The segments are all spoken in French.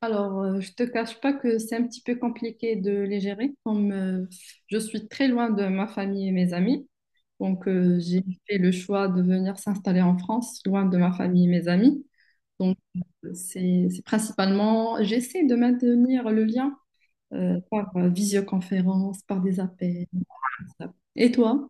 Alors, je te cache pas que c'est un petit peu compliqué de les gérer, comme je suis très loin de ma famille et mes amis. Donc, j'ai fait le choix de venir s'installer en France, loin de ma famille et mes amis. Donc, c'est principalement, j'essaie de maintenir le lien par visioconférence, par des appels. Et toi?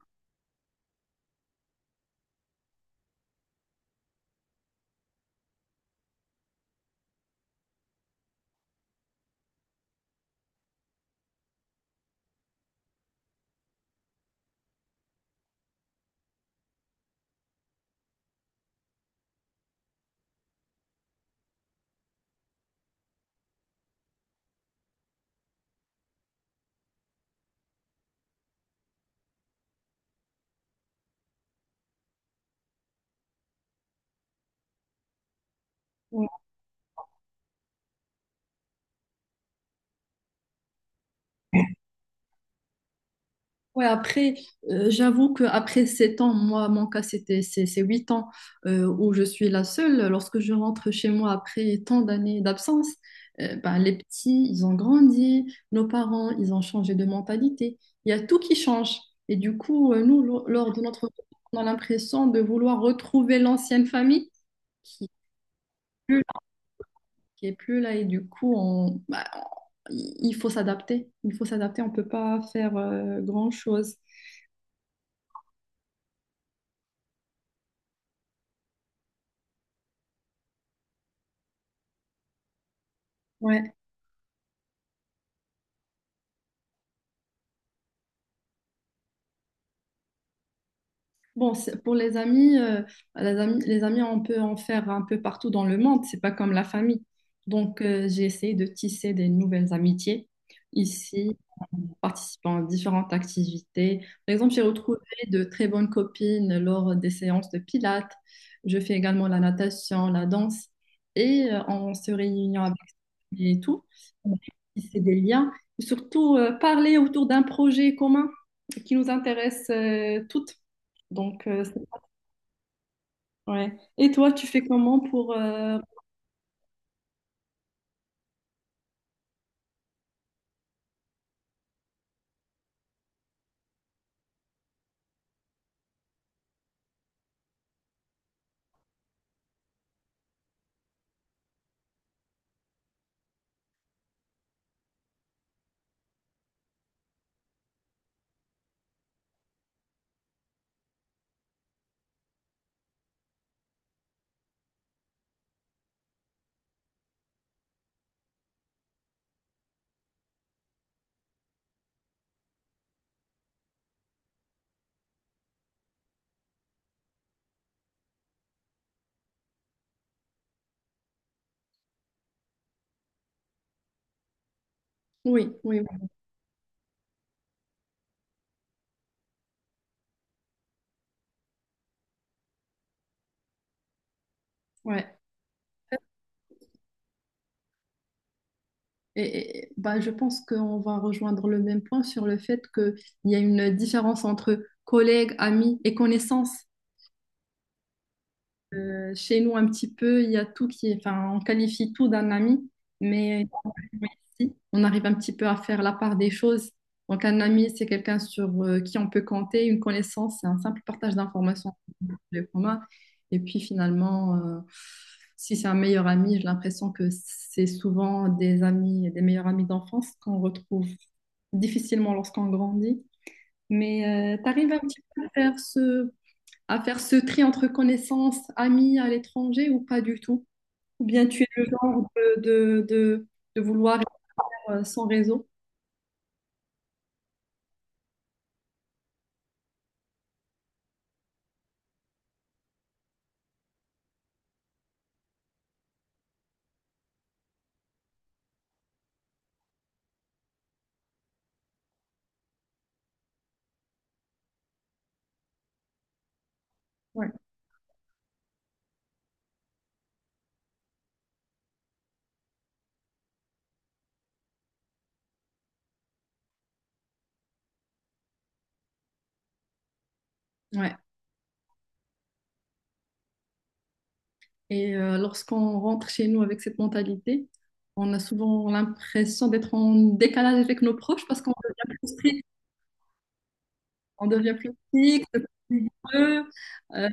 Ouais, après, j'avoue que après 7 ans, moi, mon cas, c'est 8 ans où je suis la seule. Lorsque je rentre chez moi après tant d'années d'absence, ben, les petits, ils ont grandi, nos parents, ils ont changé de mentalité. Il y a tout qui change. Et du coup, nous, lors de notre retour, on a l'impression de vouloir retrouver l'ancienne famille qui est plus là, qui est plus là. Et du coup, on, bah, il faut s'adapter. Il faut s'adapter, on peut pas faire grand-chose. Ouais. Bon, pour les amis, les amis, les amis, on peut en faire un peu partout dans le monde, c'est pas comme la famille. Donc, j'ai essayé de tisser des nouvelles amitiés ici, en participant à différentes activités. Par exemple, j'ai retrouvé de très bonnes copines lors des séances de pilates. Je fais également la natation, la danse, et en se réuniant avec et tout, on a tissé des liens. Surtout, parler autour d'un projet commun qui nous intéresse, toutes. Donc, euh, c'est- ouais. Et toi, tu fais comment pour... Oui, oui, ouais. Bah, je pense qu'on va rejoindre le même point sur le fait qu'il y a une différence entre collègues, amis et connaissances. Chez nous, un petit peu, il y a tout qui est, enfin, on qualifie tout d'un ami, mais mais ici, on arrive un petit peu à faire la part des choses. Donc, un ami, c'est quelqu'un sur qui on peut compter, une connaissance, c'est un simple partage d'informations entre les communs. Et puis, finalement, si c'est un meilleur ami, j'ai l'impression que c'est souvent des amis, des meilleurs amis d'enfance qu'on retrouve difficilement lorsqu'on grandit. Mais tu arrives un petit peu à faire ce tri entre connaissances, amis à l'étranger ou pas du tout? Ou bien tu es le genre de, de, de- de vouloir être sans réseau? Ouais. Ouais. Et lorsqu'on rentre chez nous avec cette mentalité, on a souvent l'impression d'être en décalage avec nos proches parce qu'on devient plus strict, on devient plus strict, plus rigoureux. Euh,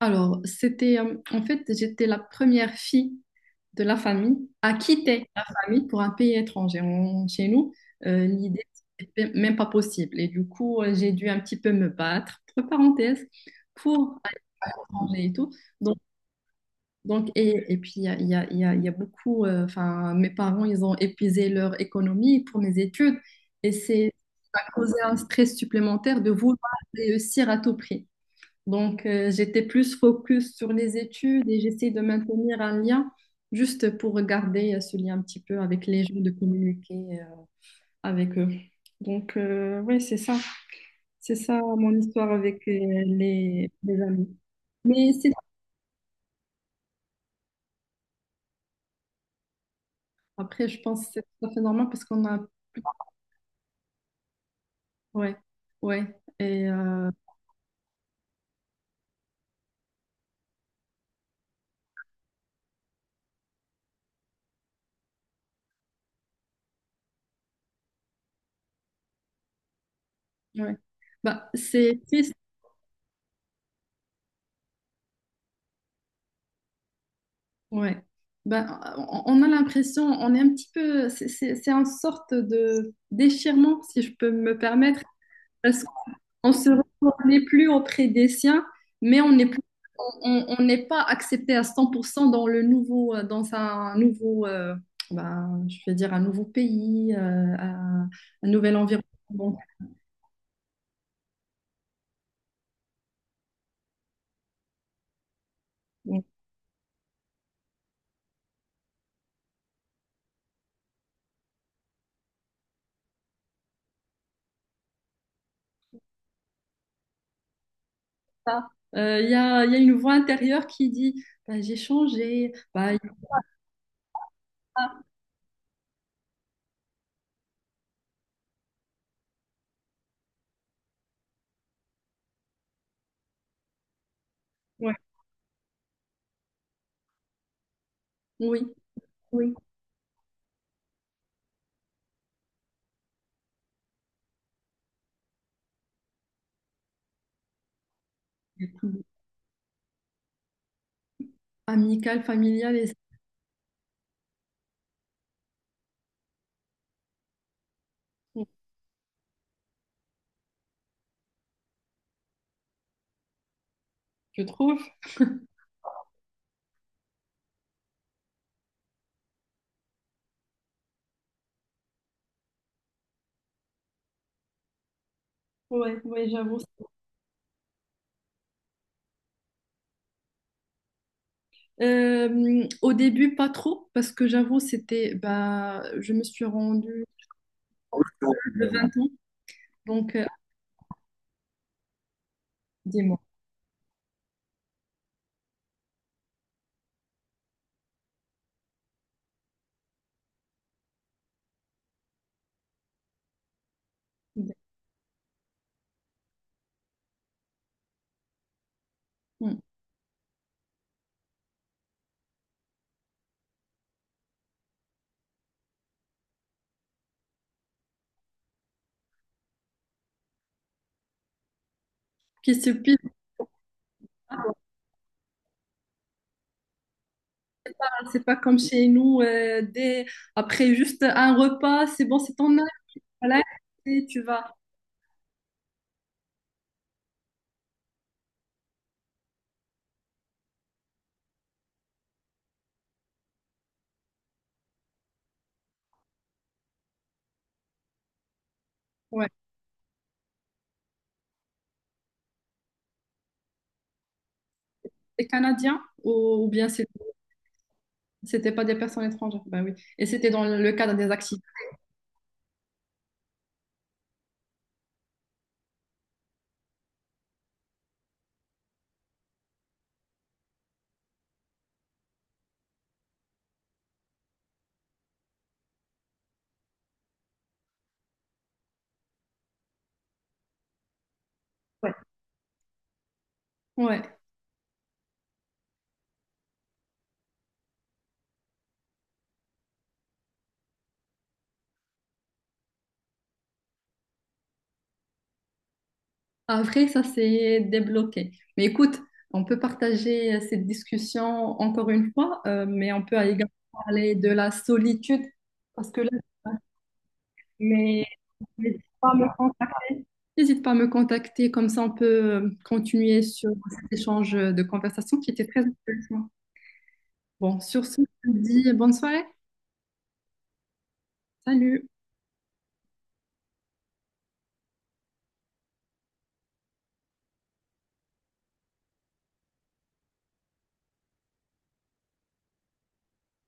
alors, c'était, en fait, j'étais la première fille de la famille à quitter la famille pour un pays étranger. Chez nous, l'idée, c'était même pas possible. Et du coup, j'ai dû un petit peu me battre, entre parenthèses, pour aller à l'étranger et tout. Donc, il y a, il y a- il y a- il y a beaucoup, enfin, mes parents, ils ont épuisé leur économie pour mes études. Et c'est, ça a causé un stress supplémentaire de vouloir réussir à tout prix. Donc, j'étais plus focus sur les études et j'essayais de maintenir un lien juste pour garder ce lien un petit peu avec les gens, de communiquer euh, avec eux. Donc, oui, c'est ça. C'est ça mon histoire avec les amis. Mais c'est après, je pense que c'est tout à fait normal parce qu'on a... Ouais, ouais. Et ouais. Bah, c'est triste. Ouais. Ben, on a l'impression, on est un petit peu, c'est une sorte de déchirement, si je peux me permettre, parce qu'on n'est plus auprès des siens, mais on n'est plus, on n'est pas accepté à 100% dans le nouveau, dans un nouveau, ben, je vais dire un nouveau pays, un nouvel environnement. Donc, donc ça, il y a une voix intérieure qui dit, Ben, j'ai changé, Ben, a- ouais, oui, oui. Amical, familial et je trouve. Ouais, ouais, j'avoue. Au début, pas trop, parce que j'avoue, c'était, bah, je me suis rendue de 20 ans, donc dis-moi. Hmm. Qui se pile, ah, bah, c'est pas comme chez nous, dès, après juste un repas, c'est bon, c'est ton âge, voilà, et tu vas. Ouais. Les Canadiens, ou bien c'était pas des personnes étrangères, bah oui. Et c'était dans le cadre des accidents. Ouais, ouais. Après, ça s'est débloqué. Mais écoute, on peut partager cette discussion encore une fois, mais on peut également parler de la solitude parce que là, mais n'hésite pas à me contacter, comme ça on peut continuer sur cet échange de conversation qui était très intéressant. Bon, sur ce, je te dis bonne soirée. Salut.